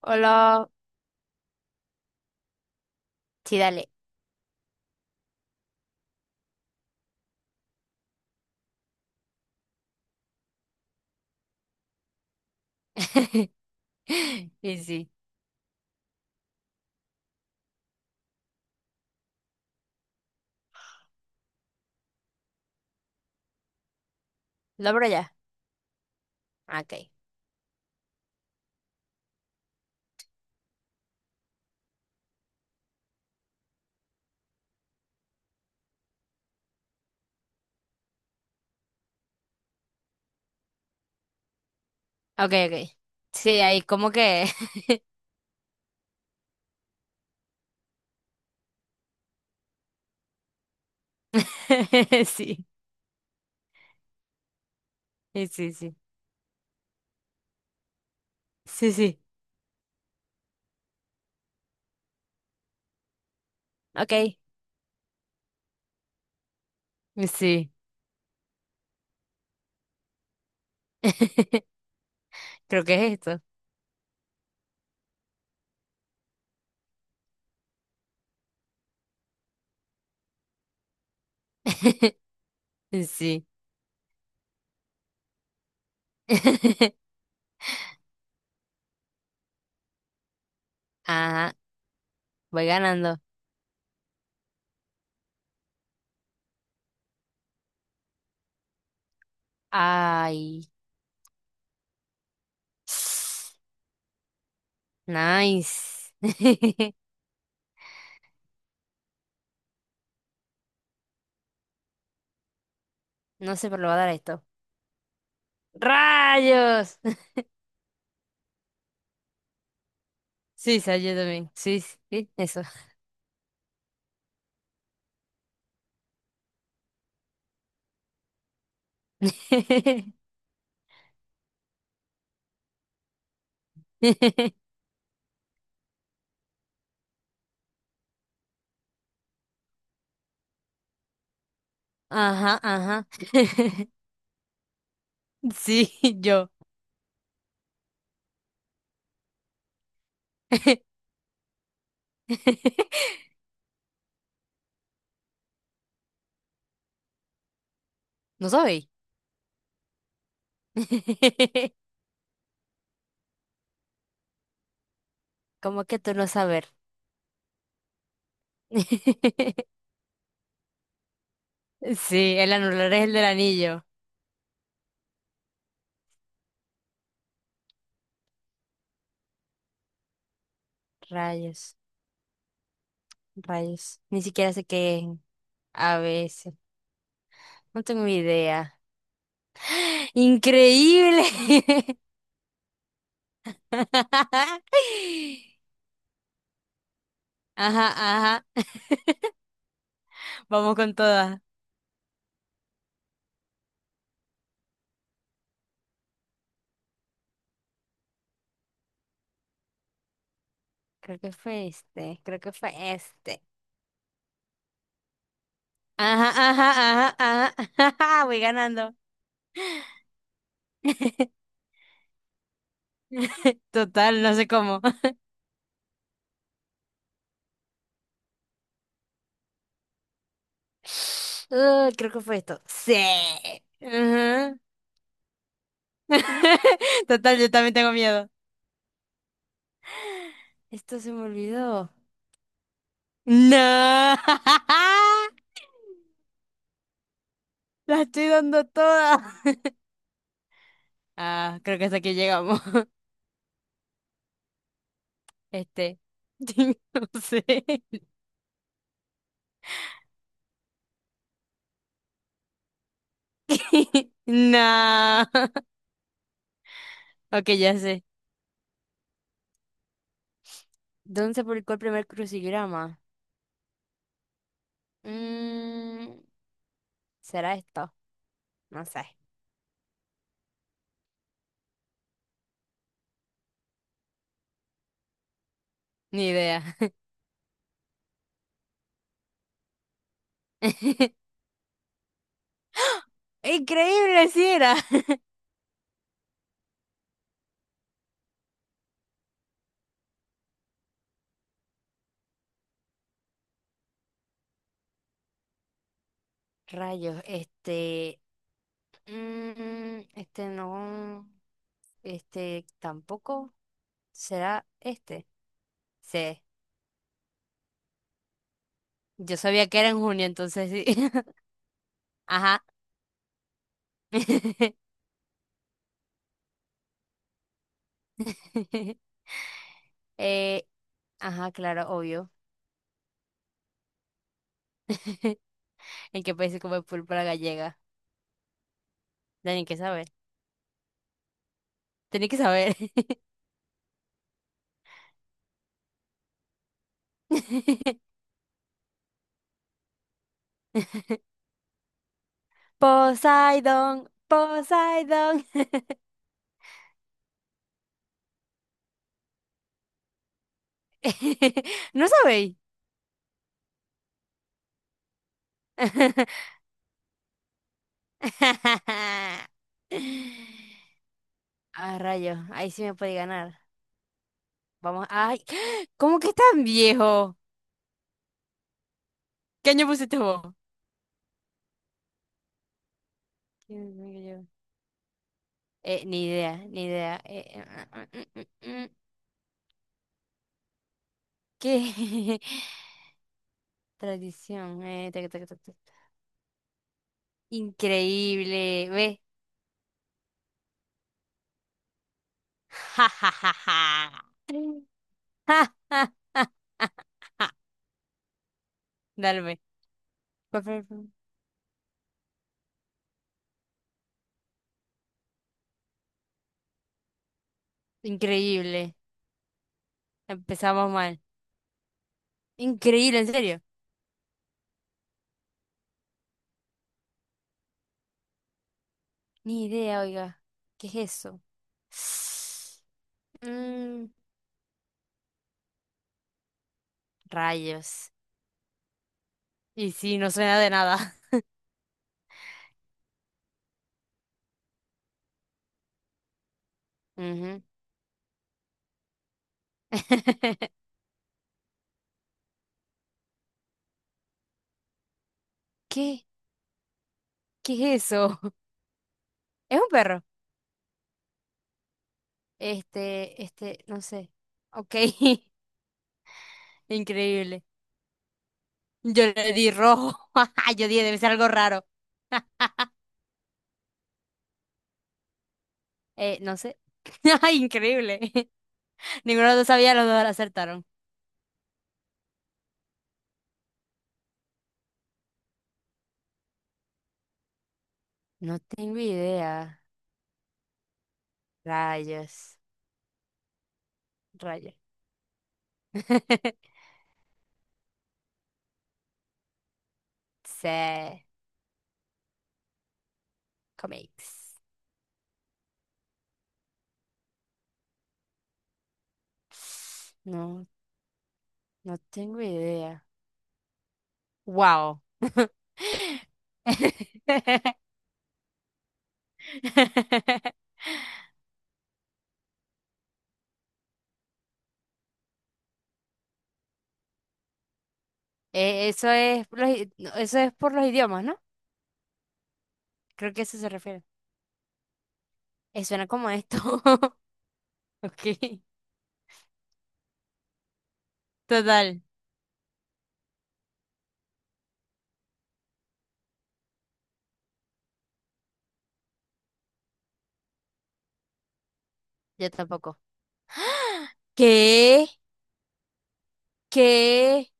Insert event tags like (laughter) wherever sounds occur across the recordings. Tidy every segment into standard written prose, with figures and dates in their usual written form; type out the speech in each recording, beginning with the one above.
Hola. Sí, dale. (laughs) Y sí. ¿Lo abro ya? Ah, Ok. Ok, ok. Sí, ahí como que. (laughs) Sí. Y sí, sí. Sí, sí. Ok. Y Sí. (laughs) Creo que es esto. (laughs) Y Sí. (laughs) Ajá. Voy ganando. Ay. (sniffs) (sighs) Nice. (laughs) No sé, pero lo va a dar esto. ¡Rayos! (laughs) Sí, salió también. Sí, sí, eso. (laughs) Ajá, ajá. (laughs) Sí, yo. (laughs) ¿No sabéis? (laughs) ¿Cómo que tú no saber? (laughs) Sí, el anular es el del anillo. Rayos, rayos. Ni siquiera sé qué es. A veces. No tengo idea. (laughs) ¡Increíble! (laughs) Ajá, ajá. Vamos con todas. Creo que fue este. Creo que fue este. Ajá, ajá, ajá, ajá. (laughs) Voy ganando. Total, no sé cómo. (laughs) Ah, creo que fue esto. Sí. Ajá. (laughs) Total, yo también tengo miedo. Esto se me olvidó. No. (laughs) La estoy dando toda. Ah, creo que hasta aquí llegamos. Este. (laughs) No sé. (laughs) No. Ok, ya sé. ¿Dónde se publicó el primer crucigrama? Mm, ¿Será esto? No sé. Ni idea. (laughs) Increíble, si era. Rayos, este, este no, este tampoco será este. Sí, yo sabía que era en junio, entonces sí. (laughs) Ajá. (laughs) Eh, ajá, claro, obvio. (laughs) ¿En qué país se come pulpa gallega? Tenía que saber, tenía que saber. (laughs) Poseidón, Poseidón. (laughs) ¿No sabéis? (laughs) (laughs) Ah, rayos, ahí sí me puede ganar. Vamos, ay, (gasps) ¿cómo que es tan viejo? ¿Qué año pusiste vos? ¿Qué año que ni idea, ni idea. Mm, mm. ¿Qué? (laughs) Tradición, tac, tac, tac, tac. Increíble, ve. Ja, ja, ja, ja. Mm. Ja, ja, ja, ja, ja. (laughs) Dale, ve. Pa, pa, pa. Increíble. Empezamos mal. Increíble, en serio. Ni idea, oiga. ¿Qué es eso? (sighs) Mm, Rayos. Y sí, no suena de nada. Ujú. (laughs) ¿Qué? ¿Qué es eso? (laughs) ¿Es un perro? Este, no sé. Ok, (laughs) increíble. Yo le di rojo. (laughs) Yo dije, debe ser algo raro. (laughs) No sé. (laughs) Ay, Increíble. (laughs) Ninguno de los dos sabía, los dos acertaron. No tengo idea. Rayos, rayos. (laughs) Se comics. No, no tengo idea. Wow. (laughs) Eso es, los i- no, eso es por los idiomas, ¿no? Creo que a eso se refiere. Suena como esto. (laughs) Ok. Total. Yo tampoco. ¿Qué? ¿Qué?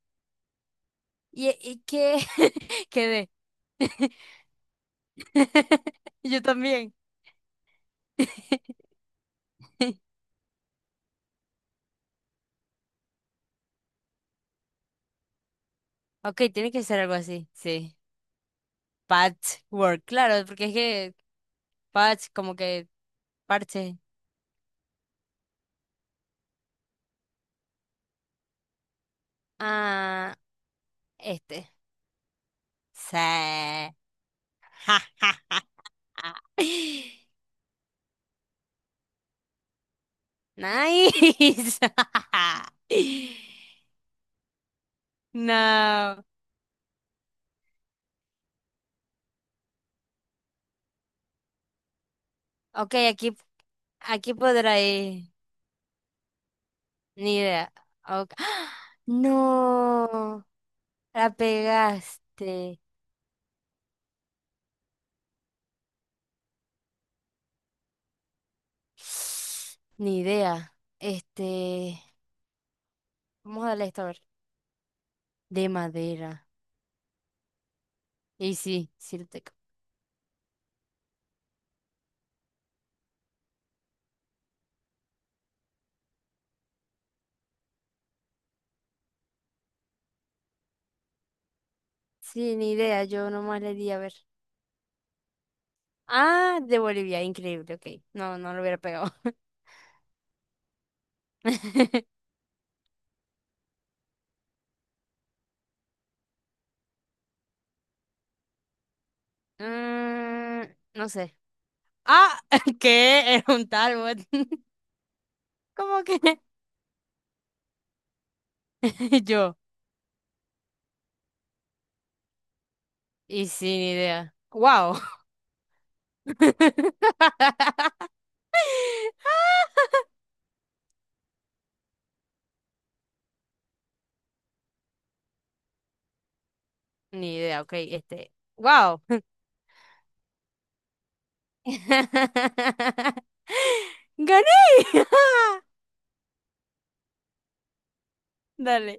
¿Y qué? (laughs) Quedé. (laughs) Yo también. (laughs) Ok, tiene que ser algo así. Sí. Patchwork, claro, porque es que patch, como que parche. Ah, este. Sí. (laughs) Nice. (laughs) No. Ok, aquí, podrá ir. Ni idea. Ok. (gasps) ¡Ah! No. La pegaste. (sniffs) Ni idea. Este. Vamos a darle esto a ver. De madera. Y sí, sí lo tengo. Sí, ni idea. Yo nomás le di a ver. Ah, de Bolivia. Increíble. Ok. No, no lo hubiera pegado. (laughs) Mm, no sé. Ah, (laughs) que es un Talbot. (laughs) ¿Cómo que? (laughs) Yo. Y sin idea. Wow. (laughs) Ni idea, ok, este. Wow. (laughs) Gané. (laughs) Dale.